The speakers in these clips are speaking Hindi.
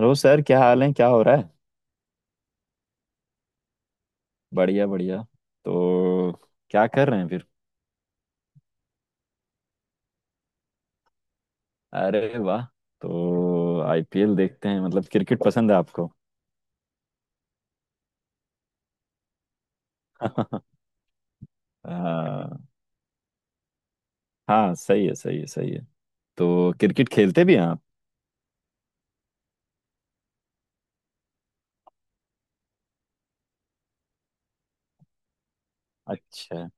हेलो सर, क्या हाल है? क्या हो रहा है? बढ़िया बढ़िया। तो क्या कर रहे हैं फिर? अरे वाह। तो आईपीएल देखते हैं, मतलब क्रिकेट पसंद है आपको? हाँ हाँ, सही है, सही है, सही है। तो क्रिकेट खेलते भी हैं आप? अच्छा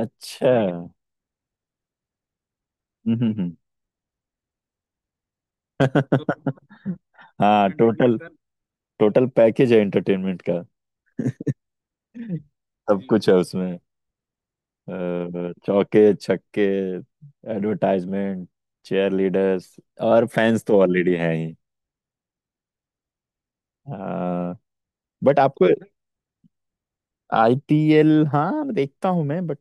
अच्छा। हम्म, हम्म। हाँ, टोटल टोटल पैकेज है एंटरटेनमेंट का। सब कुछ है उसमें। चौके छक्के, एडवर्टाइजमेंट, चेयर लीडर्स। और फैंस तो ऑलरेडी हैं। हाँ, बट आपको आईपीएल? हाँ, देखता हूँ मैं, बट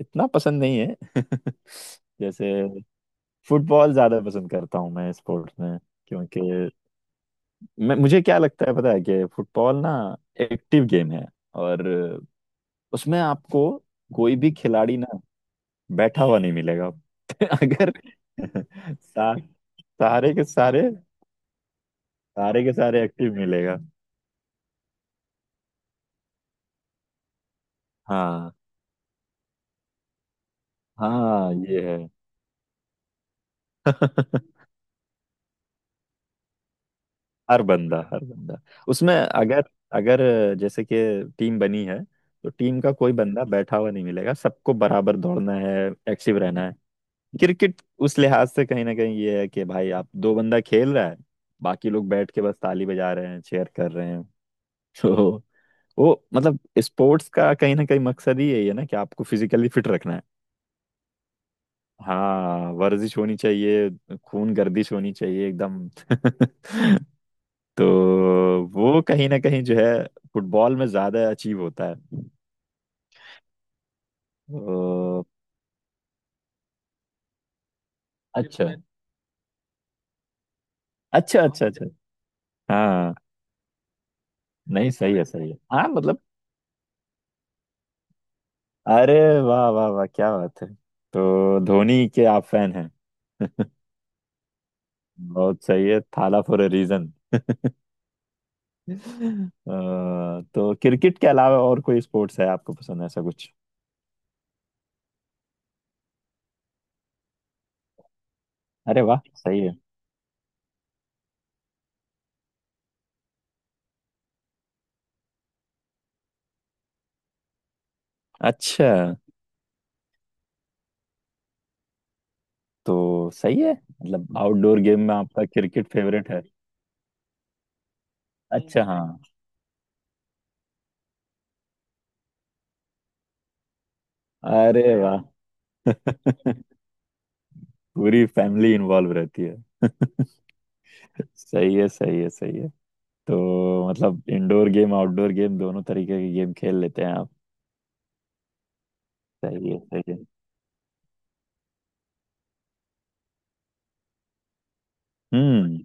इतना पसंद नहीं है। जैसे फुटबॉल ज्यादा पसंद करता हूँ मैं स्पोर्ट्स में। क्योंकि मैं मुझे क्या लगता है पता है? कि फुटबॉल ना एक्टिव गेम है। और उसमें आपको कोई भी खिलाड़ी ना बैठा हुआ नहीं मिलेगा। अगर सा, सारे के सारे, सारे के सारे एक्टिव मिलेगा। हाँ हाँ, ये है। हर बंदा, हर बंदा। उसमें अगर अगर जैसे कि टीम बनी है, तो टीम का कोई बंदा बैठा हुआ नहीं मिलेगा, सबको बराबर दौड़ना है, एक्टिव रहना है। क्रिकेट उस लिहाज से कहीं ना कहीं ये है कि भाई आप दो बंदा खेल रहा है, बाकी लोग बैठ के बस ताली बजा रहे हैं, चेयर कर रहे हैं। तो वो मतलब स्पोर्ट्स का कहीं ना कहीं मकसद ही यही है ना कि आपको फिजिकली फिट रखना है। हाँ, वर्जिश होनी चाहिए, खून गर्दिश होनी चाहिए एकदम। तो वो कहीं ना कहीं जो है, फुटबॉल में ज्यादा अचीव होता है। तो अच्छा अच्छा अच्छा अच्छा। हाँ नहीं, सही है सही है। हाँ, मतलब अरे वाह वाह वाह, क्या बात है। तो धोनी के आप फैन हैं। बहुत सही है, थाला फॉर अ रीजन। तो क्रिकेट के अलावा और कोई स्पोर्ट्स है आपको पसंद, ऐसा कुछ? अरे वाह, सही है। अच्छा। तो सही है, मतलब आउटडोर गेम में आपका क्रिकेट फेवरेट है। अच्छा हाँ। अरे वाह, पूरी फैमिली इन्वॉल्व रहती है। सही है, सही है, सही है। तो मतलब इंडोर गेम आउटडोर गेम दोनों तरीके के गेम खेल लेते हैं आप। सही है, सही है। हम्म।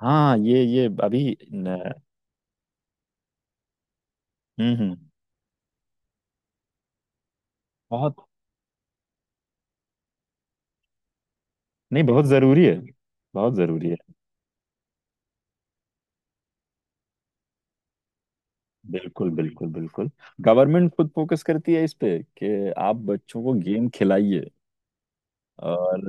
हाँ, ये अभी न, हम्म, बहुत। नहीं, बहुत जरूरी है, बहुत जरूरी है। बिल्कुल बिल्कुल बिल्कुल। गवर्नमेंट खुद फोकस करती है इस पे, कि आप बच्चों को गेम खिलाइए। और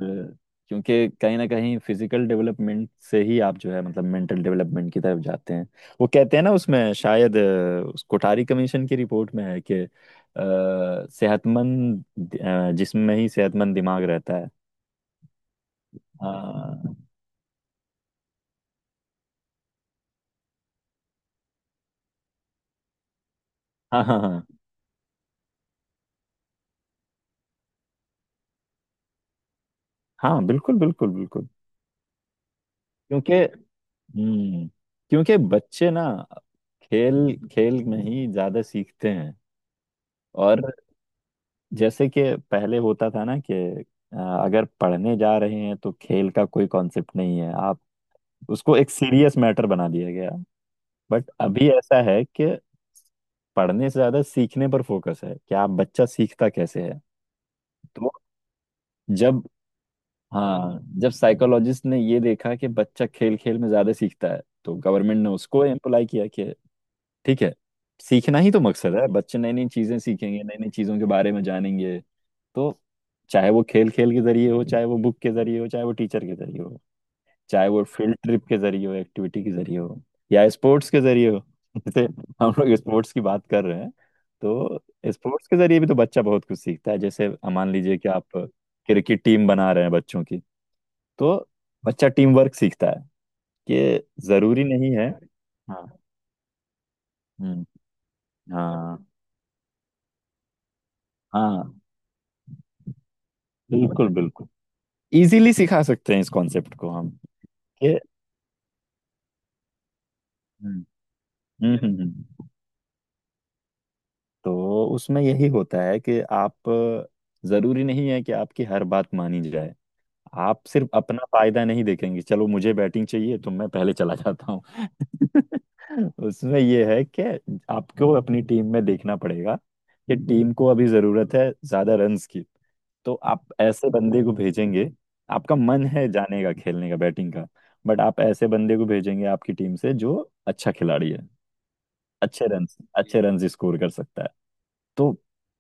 क्योंकि कहीं ना कहीं फिजिकल डेवलपमेंट से ही आप जो है मतलब मेंटल डेवलपमेंट की तरफ जाते हैं। वो कहते हैं ना, उसमें शायद उस कोठारी कमीशन की रिपोर्ट में है कि सेहतमंद जिस्म में ही सेहतमंद दिमाग रहता है। हाँ हाँ हाँ। हाँ हाँ, बिल्कुल बिल्कुल बिल्कुल। क्योंकि हम्म, क्योंकि बच्चे ना खेल खेल में ही ज्यादा सीखते हैं। और जैसे कि पहले होता था ना कि अ, अगर पढ़ने जा रहे हैं तो खेल का कोई कॉन्सेप्ट नहीं है, आप उसको एक सीरियस मैटर बना दिया गया। बट अभी ऐसा है कि पढ़ने से ज्यादा सीखने पर फोकस है कि आप बच्चा सीखता कैसे है। तो जब हाँ जब साइकोलॉजिस्ट ने ये देखा कि बच्चा खेल खेल में ज्यादा सीखता है, तो गवर्नमेंट ने उसको एम्प्लाई किया कि ठीक है, सीखना ही तो मकसद है, बच्चे नई नई चीजें सीखेंगे, नई नई चीजों के बारे में जानेंगे। तो चाहे वो खेल खेल के जरिए हो, चाहे वो बुक के जरिए हो, चाहे वो टीचर के जरिए हो, चाहे वो फील्ड ट्रिप के जरिए हो, एक्टिविटी के जरिए हो, या स्पोर्ट्स के जरिए हो। जैसे हम लोग स्पोर्ट्स की बात कर रहे हैं। तो स्पोर्ट्स के जरिए भी तो बच्चा बहुत कुछ सीखता है। जैसे मान लीजिए कि आप क्रिकेट टीम बना रहे हैं बच्चों की, तो बच्चा टीम वर्क सीखता है कि जरूरी नहीं है। हाँ, हम्म। हाँ हाँ, बिल्कुल बिल्कुल। इजीली सिखा सकते हैं इस कॉन्सेप्ट को हम कि हम्म हम्म हम्म, हम्म। तो उसमें यही होता है कि आप, जरूरी नहीं है कि आपकी हर बात मानी जाए। आप सिर्फ अपना फायदा नहीं देखेंगे, चलो मुझे बैटिंग चाहिए तो मैं पहले चला जाता हूँ। उसमें यह है कि आपको अपनी टीम में देखना पड़ेगा कि टीम को अभी जरूरत है ज्यादा रन्स की। तो आप ऐसे बंदे को भेजेंगे, आपका मन है जाने का, खेलने का, बैटिंग का, बट आप ऐसे बंदे को भेजेंगे आपकी टीम से जो अच्छा खिलाड़ी है, अच्छे रन अच्छे रन स्कोर कर सकता है। तो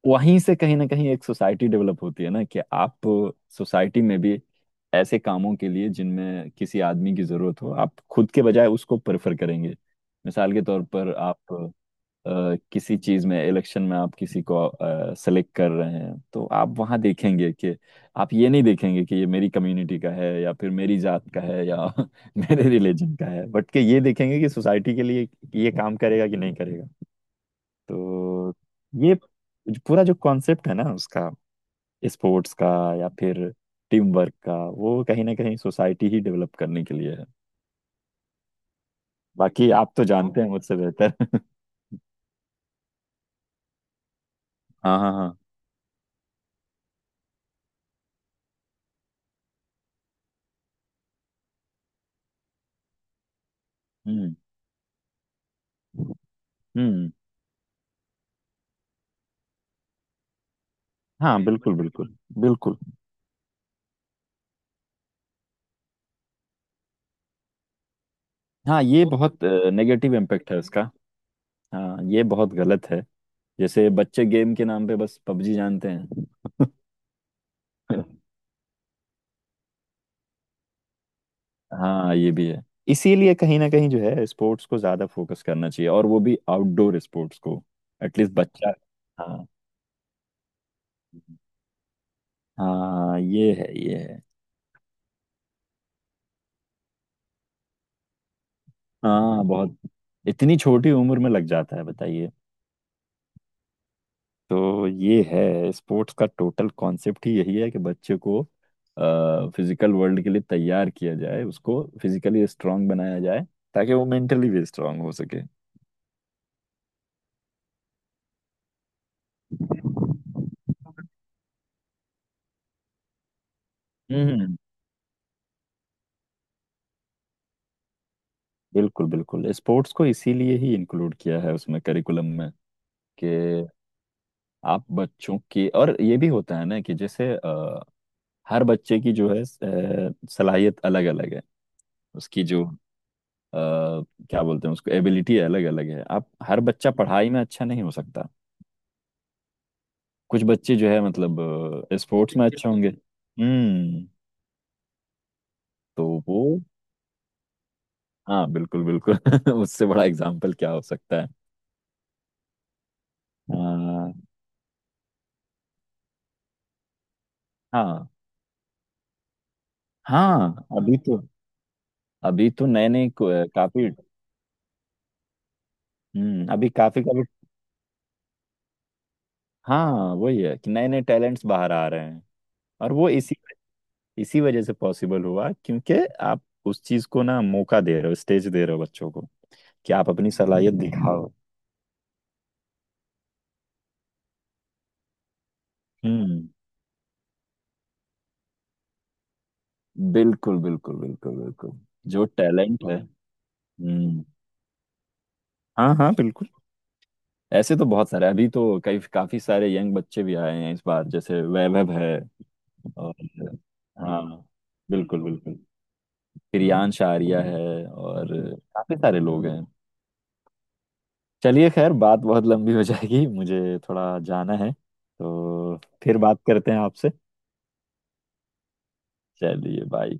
वहीं से कहीं ना कहीं एक सोसाइटी डेवलप होती है ना, कि आप सोसाइटी में भी ऐसे कामों के लिए जिनमें किसी आदमी की जरूरत हो, आप खुद के बजाय उसको प्रेफर करेंगे। मिसाल के तौर पर आप किसी चीज में, इलेक्शन में आप किसी को सेलेक्ट कर रहे हैं, तो आप वहां देखेंगे कि आप ये नहीं देखेंगे कि ये मेरी कम्युनिटी का है या फिर मेरी जात का है या मेरे रिलीजन का है, बट कि ये देखेंगे कि सोसाइटी के लिए ये काम करेगा कि नहीं करेगा। तो ये पूरा जो कॉन्सेप्ट है ना उसका, स्पोर्ट्स का या फिर टीम वर्क का, वो कहीं ना कहीं सोसाइटी ही डेवलप करने के लिए है। बाकी आप तो जानते हैं मुझसे बेहतर। हाँ हाँ हाँ। हम्म हम्म। हाँ, बिल्कुल बिल्कुल बिल्कुल। हाँ, ये तो बहुत नेगेटिव इम्पैक्ट है उसका। हाँ, ये बहुत गलत है। जैसे बच्चे गेम के नाम पे बस पबजी जानते हैं। हाँ, ये भी है। इसीलिए कहीं ना कहीं जो है स्पोर्ट्स को ज्यादा फोकस करना चाहिए, और वो भी आउटडोर स्पोर्ट्स को। एटलीस्ट बच्चा, हाँ हाँ, ये है ये है। हाँ, बहुत। इतनी छोटी उम्र में लग जाता है, बताइए। तो ये है, स्पोर्ट्स का टोटल कॉन्सेप्ट ही यही है कि बच्चे को फिजिकल वर्ल्ड के लिए तैयार किया जाए, उसको फिजिकली स्ट्रांग बनाया जाए, ताकि वो मेंटली भी स्ट्रांग हो सके। हम्म। बिल्कुल बिल्कुल, स्पोर्ट्स को इसीलिए ही इंक्लूड किया है उसमें, करिकुलम में, कि आप बच्चों के। और ये भी होता है ना कि जैसे हर बच्चे की जो है सलाहियत अलग अलग है। उसकी जो क्या बोलते हैं उसको, एबिलिटी अलग अलग है। आप हर बच्चा पढ़ाई में अच्छा नहीं हो सकता, कुछ बच्चे जो है मतलब स्पोर्ट्स में अच्छे होंगे। हम्म। तो वो हाँ, बिल्कुल बिल्कुल। उससे बड़ा एग्जाम्पल क्या हो सकता है? आ, हाँ हाँ, अभी तो, नए नए काफी। हम्म, अभी काफी काफी। हाँ, वही है कि नए नए टैलेंट्स बाहर आ रहे हैं। और वो इसी, इसी वजह से पॉसिबल हुआ क्योंकि आप उस चीज को ना मौका दे रहे हो, स्टेज दे रहे हो बच्चों को कि आप अपनी सलाहियत दिखाओ। हम्म, बिल्कुल बिल्कुल बिल्कुल बिल्कुल। जो टैलेंट है। हम्म। हाँ हाँ, बिल्कुल। ऐसे तो बहुत सारे अभी तो, कई काफी सारे यंग बच्चे भी आए हैं इस बार, जैसे वैभव है। और हाँ, बिल्कुल बिल्कुल। प्रियांश आर्या है, और काफी सारे लोग हैं। चलिए, खैर बात बहुत लंबी हो जाएगी, मुझे थोड़ा जाना है, तो फिर बात करते हैं आपसे। चलिए बाय।